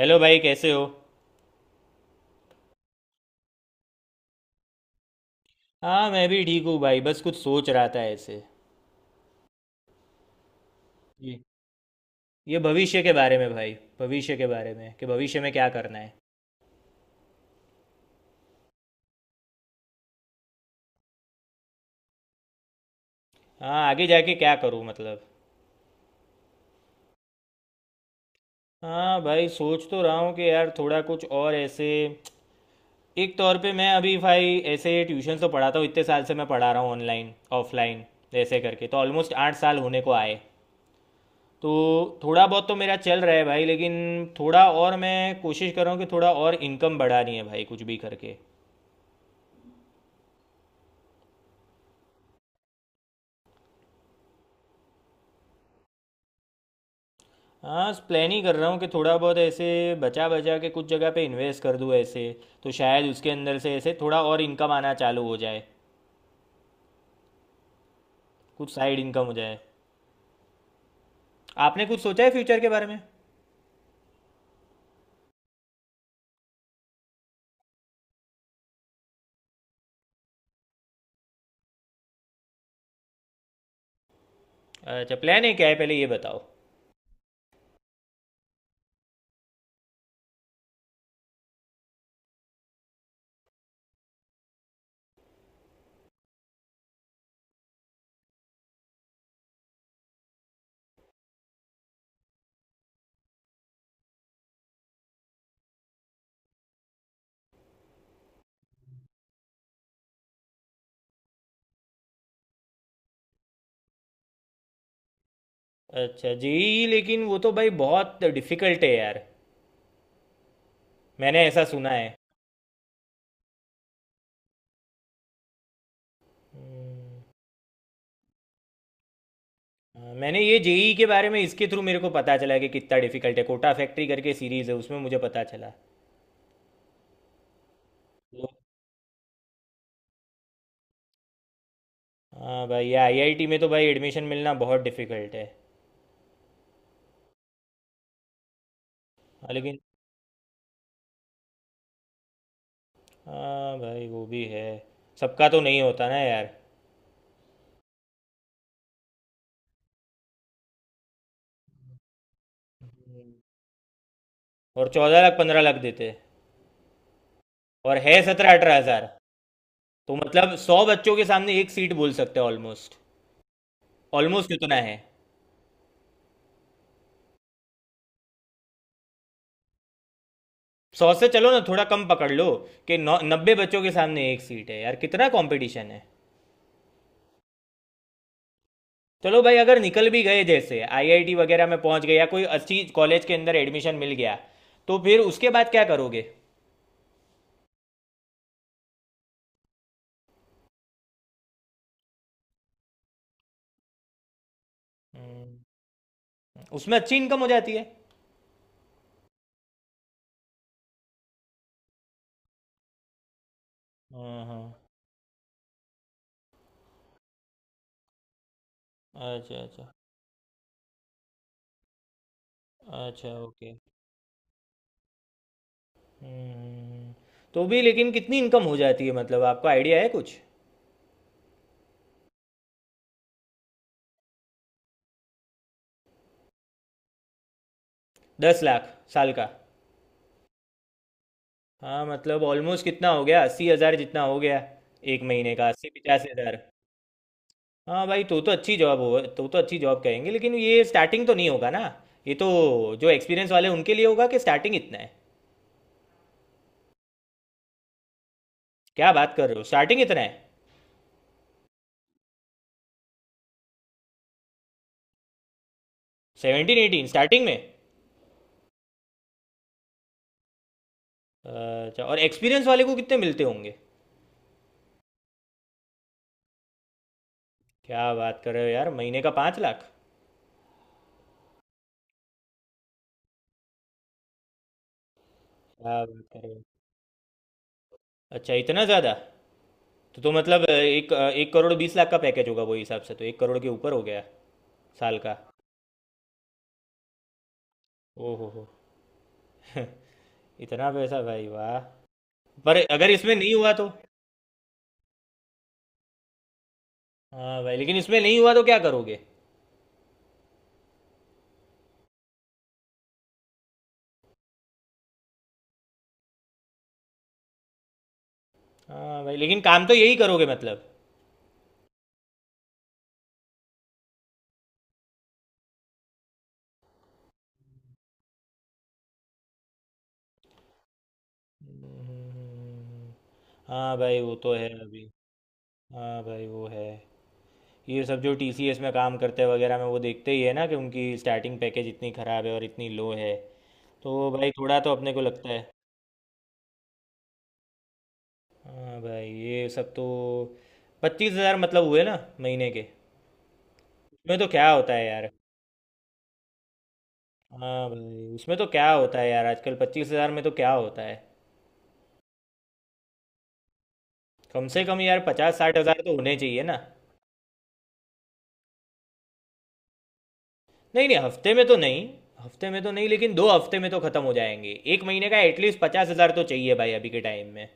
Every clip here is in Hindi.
हेलो भाई कैसे हो। हाँ मैं भी ठीक हूँ भाई, बस कुछ सोच रहा था ऐसे। ये ये भविष्य के बारे में भाई। भविष्य के बारे में कि भविष्य में क्या करना है। हाँ आगे जाके क्या करूँ मतलब। हाँ भाई सोच तो रहा हूँ कि यार थोड़ा कुछ और ऐसे। एक तौर पे मैं अभी भाई ऐसे ट्यूशन तो पढ़ाता हूँ, इतने साल से मैं पढ़ा रहा हूँ ऑनलाइन ऑफलाइन ऐसे करके तो ऑलमोस्ट 8 साल होने को आए। तो थोड़ा बहुत तो मेरा चल रहा है भाई, लेकिन थोड़ा और मैं कोशिश कर रहा हूँ कि थोड़ा और इनकम बढ़ानी है भाई कुछ भी करके। हाँ प्लान ही कर रहा हूँ कि थोड़ा बहुत ऐसे बचा बचा के कुछ जगह पे इन्वेस्ट कर दूँ ऐसे, तो शायद उसके अंदर से ऐसे थोड़ा और इनकम आना चालू हो जाए। कुछ साइड इनकम हो जाए। आपने कुछ सोचा है फ्यूचर के बारे में। अच्छा प्लान है, क्या है पहले ये बताओ। अच्छा जेई, लेकिन वो तो भाई बहुत डिफिकल्ट है यार, मैंने ऐसा सुना है। हाँ, मैंने ये जेई के बारे में इसके थ्रू मेरे को पता चला कि कितना डिफिकल्ट है। कोटा फैक्ट्री करके सीरीज़ है, उसमें मुझे पता चला। हाँ भाई, ये आईआईटी में तो भाई एडमिशन मिलना बहुत डिफिकल्ट है। हाँ, लेकिन हाँ भाई वो भी है, सबका तो नहीं होता ना यार। और 14 लाख 15 लाख देते। और है 17 18 हज़ार। तो मतलब 100 बच्चों के सामने एक सीट बोल सकते हैं ऑलमोस्ट। ऑलमोस्ट इतना है। सौ से चलो ना थोड़ा कम पकड़ लो कि 9 90 बच्चों के सामने एक सीट है यार, कितना कंपटीशन है। चलो भाई, अगर निकल भी गए, जैसे आईआईटी वगैरह में पहुंच गए या कोई अच्छी कॉलेज के अंदर एडमिशन मिल गया, तो फिर उसके बाद क्या करोगे। हम्म। उसमें अच्छी इनकम हो जाती है। हाँ हाँ। अच्छा अच्छा। अच्छा ओके। हम्म। तो भी लेकिन कितनी इनकम हो जाती है मतलब, आपको आइडिया है कुछ। 10 लाख साल का। हाँ मतलब ऑलमोस्ट कितना हो गया, 80 हज़ार जितना हो गया। एक महीने का 80 50 हज़ार। हाँ भाई तो अच्छी जॉब हो तो अच्छी जॉब कहेंगे, लेकिन ये स्टार्टिंग तो नहीं होगा ना। ये तो जो एक्सपीरियंस वाले उनके लिए होगा कि स्टार्टिंग इतना है। क्या बात कर रहे हो, स्टार्टिंग इतना है। 17 18 स्टार्टिंग में। अच्छा और एक्सपीरियंस वाले को कितने मिलते होंगे। क्या बात कर रहे हो यार, महीने का 5 लाख। क्या बात कर रहे हो, अच्छा इतना ज़्यादा। तो मतलब 1 1 करोड़ 20 लाख का पैकेज होगा, वो हिसाब से तो 1 करोड़ के ऊपर हो गया। साल का। ओ हो हो। इतना पैसा भाई वाह। पर अगर इसमें नहीं हुआ तो। हाँ भाई लेकिन इसमें नहीं हुआ तो क्या करोगे। हाँ भाई लेकिन काम तो यही करोगे मतलब। हम्म। हाँ भाई वो तो है अभी। हाँ भाई वो है। ये सब जो टीसीएस में काम करते हैं वगैरह में वो देखते ही है ना कि उनकी स्टार्टिंग पैकेज इतनी ख़राब है और इतनी लो है, तो भाई थोड़ा तो अपने को लगता है। हाँ भाई ये सब तो 25 हज़ार मतलब हुए ना, महीने के। उसमें तो क्या होता है यार। हाँ भाई उसमें तो क्या होता है यार, आजकल 25 हज़ार में तो क्या होता है। कम से कम यार 50 60 हज़ार तो होने चाहिए ना। नहीं नहीं, हफ्ते में तो नहीं। हफ्ते में तो नहीं, लेकिन 2 हफ्ते में तो खत्म हो जाएंगे। एक महीने का एटलीस्ट 50 हज़ार तो चाहिए भाई अभी के टाइम में।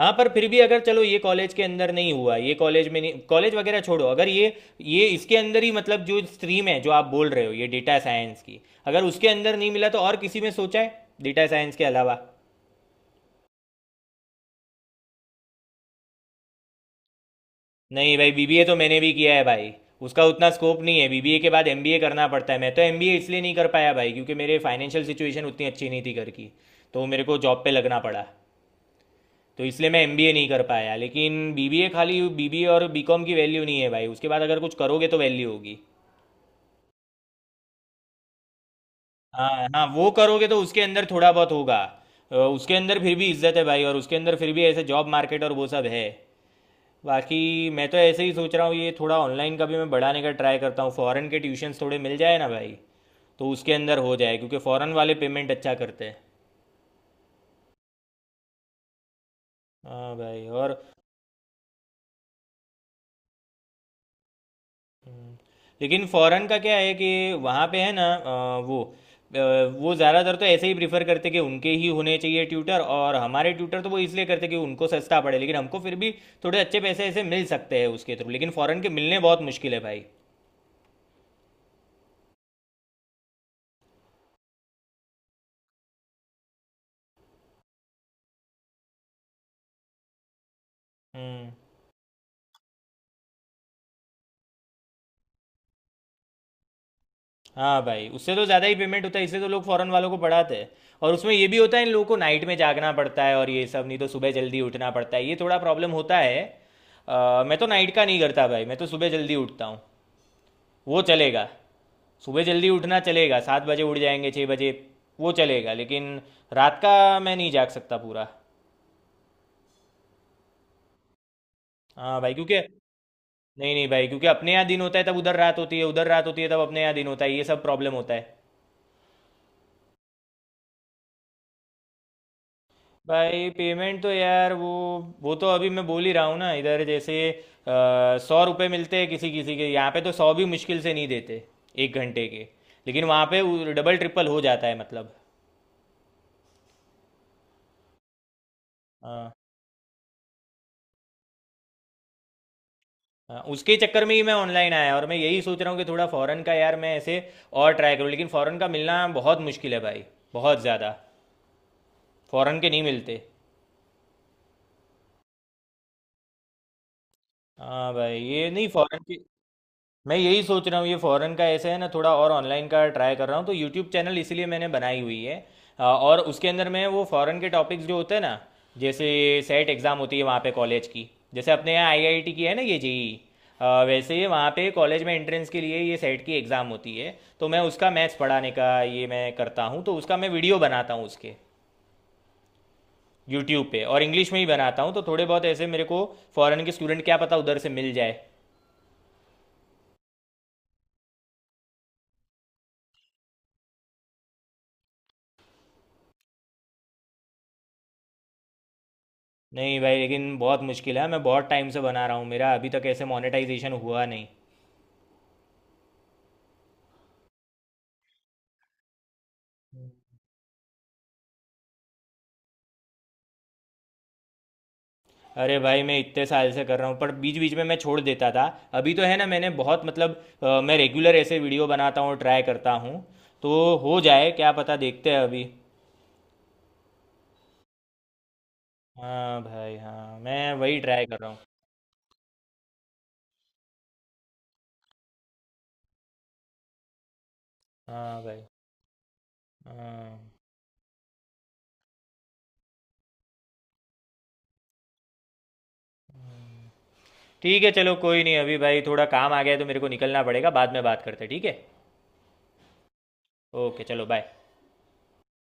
हाँ पर फिर भी अगर चलो ये कॉलेज के अंदर नहीं हुआ, ये कॉलेज में नहीं, कॉलेज वगैरह छोड़ो, अगर ये ये इसके अंदर ही मतलब जो स्ट्रीम है जो आप बोल रहे हो, ये डेटा साइंस की, अगर उसके अंदर नहीं मिला तो और किसी में सोचा है डेटा साइंस के अलावा। नहीं भाई, बीबीए तो मैंने भी किया है भाई, उसका उतना स्कोप नहीं है। बीबीए के बाद एमबीए करना पड़ता है, मैं तो एमबीए इसलिए नहीं कर पाया भाई क्योंकि मेरे फाइनेंशियल सिचुएशन उतनी अच्छी नहीं थी घर की, तो मेरे को जॉब पे लगना पड़ा। तो इसलिए मैं एमबीए नहीं कर पाया, लेकिन बीबीए, खाली बीबीए और बीकॉम की वैल्यू नहीं है भाई, उसके बाद अगर कुछ करोगे तो वैल्यू होगी। हाँ हाँ वो करोगे तो उसके अंदर थोड़ा बहुत होगा। उसके अंदर फिर भी इज्जत है भाई, और उसके अंदर फिर भी ऐसे जॉब मार्केट और वो सब है। बाकी मैं तो ऐसे ही सोच रहा हूँ, ये थोड़ा ऑनलाइन का भी मैं बढ़ाने का ट्राई करता हूँ, फॉरेन के ट्यूशन्स थोड़े मिल जाए ना भाई, तो उसके अंदर हो जाए क्योंकि फॉरेन वाले पेमेंट अच्छा करते हैं। हाँ भाई और लेकिन फॉरेन का क्या है कि वहाँ पे है ना वो अ, वो ज़्यादातर तो ऐसे ही प्रीफर करते कि उनके ही होने चाहिए ट्यूटर, और हमारे ट्यूटर तो वो इसलिए करते कि उनको सस्ता पड़े, लेकिन हमको फिर भी थोड़े अच्छे पैसे ऐसे मिल सकते हैं उसके थ्रू, लेकिन फॉरेन के मिलने बहुत मुश्किल है भाई। हम्म। हाँ भाई उससे तो ज़्यादा ही पेमेंट होता है, इसलिए तो लोग फॉरेन वालों को पढ़ाते हैं। और उसमें ये भी होता है इन लोगों को नाइट में जागना पड़ता है और ये सब, नहीं तो सुबह जल्दी उठना पड़ता है, ये थोड़ा प्रॉब्लम होता है। मैं तो नाइट का नहीं करता भाई, मैं तो सुबह जल्दी उठता हूँ, वो चलेगा। सुबह जल्दी उठना चलेगा, 7 बजे उठ जाएंगे 6 बजे, वो चलेगा, लेकिन रात का मैं नहीं जाग सकता पूरा। हाँ भाई क्योंकि, नहीं नहीं भाई क्योंकि अपने यहाँ दिन होता है तब उधर रात होती है, उधर रात होती है तब अपने यहाँ दिन होता है, ये सब प्रॉब्लम होता है। भाई पेमेंट तो यार वो तो अभी मैं बोल ही रहा हूँ ना, इधर जैसे 100 रुपये मिलते हैं किसी किसी के यहाँ पे, तो सौ भी मुश्किल से नहीं देते, 1 घंटे के। लेकिन वहाँ पे डबल ट्रिपल हो जाता है मतलब। हाँ। हाँ, उसके चक्कर में ही मैं ऑनलाइन आया, और मैं यही सोच रहा हूँ कि थोड़ा फॉरेन का यार मैं ऐसे और ट्राई करूँ, लेकिन फॉरेन का मिलना बहुत मुश्किल है भाई, बहुत ज़्यादा। फॉरेन के नहीं मिलते। हाँ भाई ये नहीं फॉरेन के। मैं यही सोच रहा हूँ ये फॉरेन का ऐसे है ना, थोड़ा और ऑनलाइन का ट्राई कर रहा हूँ, तो यूट्यूब चैनल इसीलिए मैंने बनाई हुई है। और उसके अंदर मैं वो फॉरेन के टॉपिक्स जो होते हैं ना, जैसे सेट एग्ज़ाम होती है वहाँ पे कॉलेज की, जैसे अपने यहाँ आईआईटी की है ना ये जेई, वैसे ही वहाँ पे कॉलेज में एंट्रेंस के लिए ये सेट की एग्ज़ाम होती है, तो मैं उसका मैथ्स पढ़ाने का ये मैं करता हूँ, तो उसका मैं वीडियो बनाता हूँ उसके यूट्यूब पे, और इंग्लिश में ही बनाता हूँ तो थोड़े बहुत ऐसे मेरे को फॉरेन के स्टूडेंट क्या पता उधर से मिल जाए। नहीं भाई लेकिन बहुत मुश्किल है, मैं बहुत टाइम से बना रहा हूँ, मेरा अभी तक ऐसे मोनेटाइजेशन हुआ नहीं। अरे भाई मैं इतने साल से कर रहा हूँ, पर बीच बीच में मैं छोड़ देता था। अभी तो है ना मैंने बहुत मतलब मैं रेगुलर ऐसे वीडियो बनाता हूँ, ट्राई करता हूँ, तो हो जाए क्या पता, देखते हैं अभी। हाँ भाई हाँ मैं वही ट्राई कर रहा हूँ। हाँ भाई हाँ। ठीक है चलो कोई नहीं, अभी भाई थोड़ा काम आ गया है, तो मेरे को निकलना पड़ेगा, बाद में बात करते हैं ठीक है। ओके चलो बाय।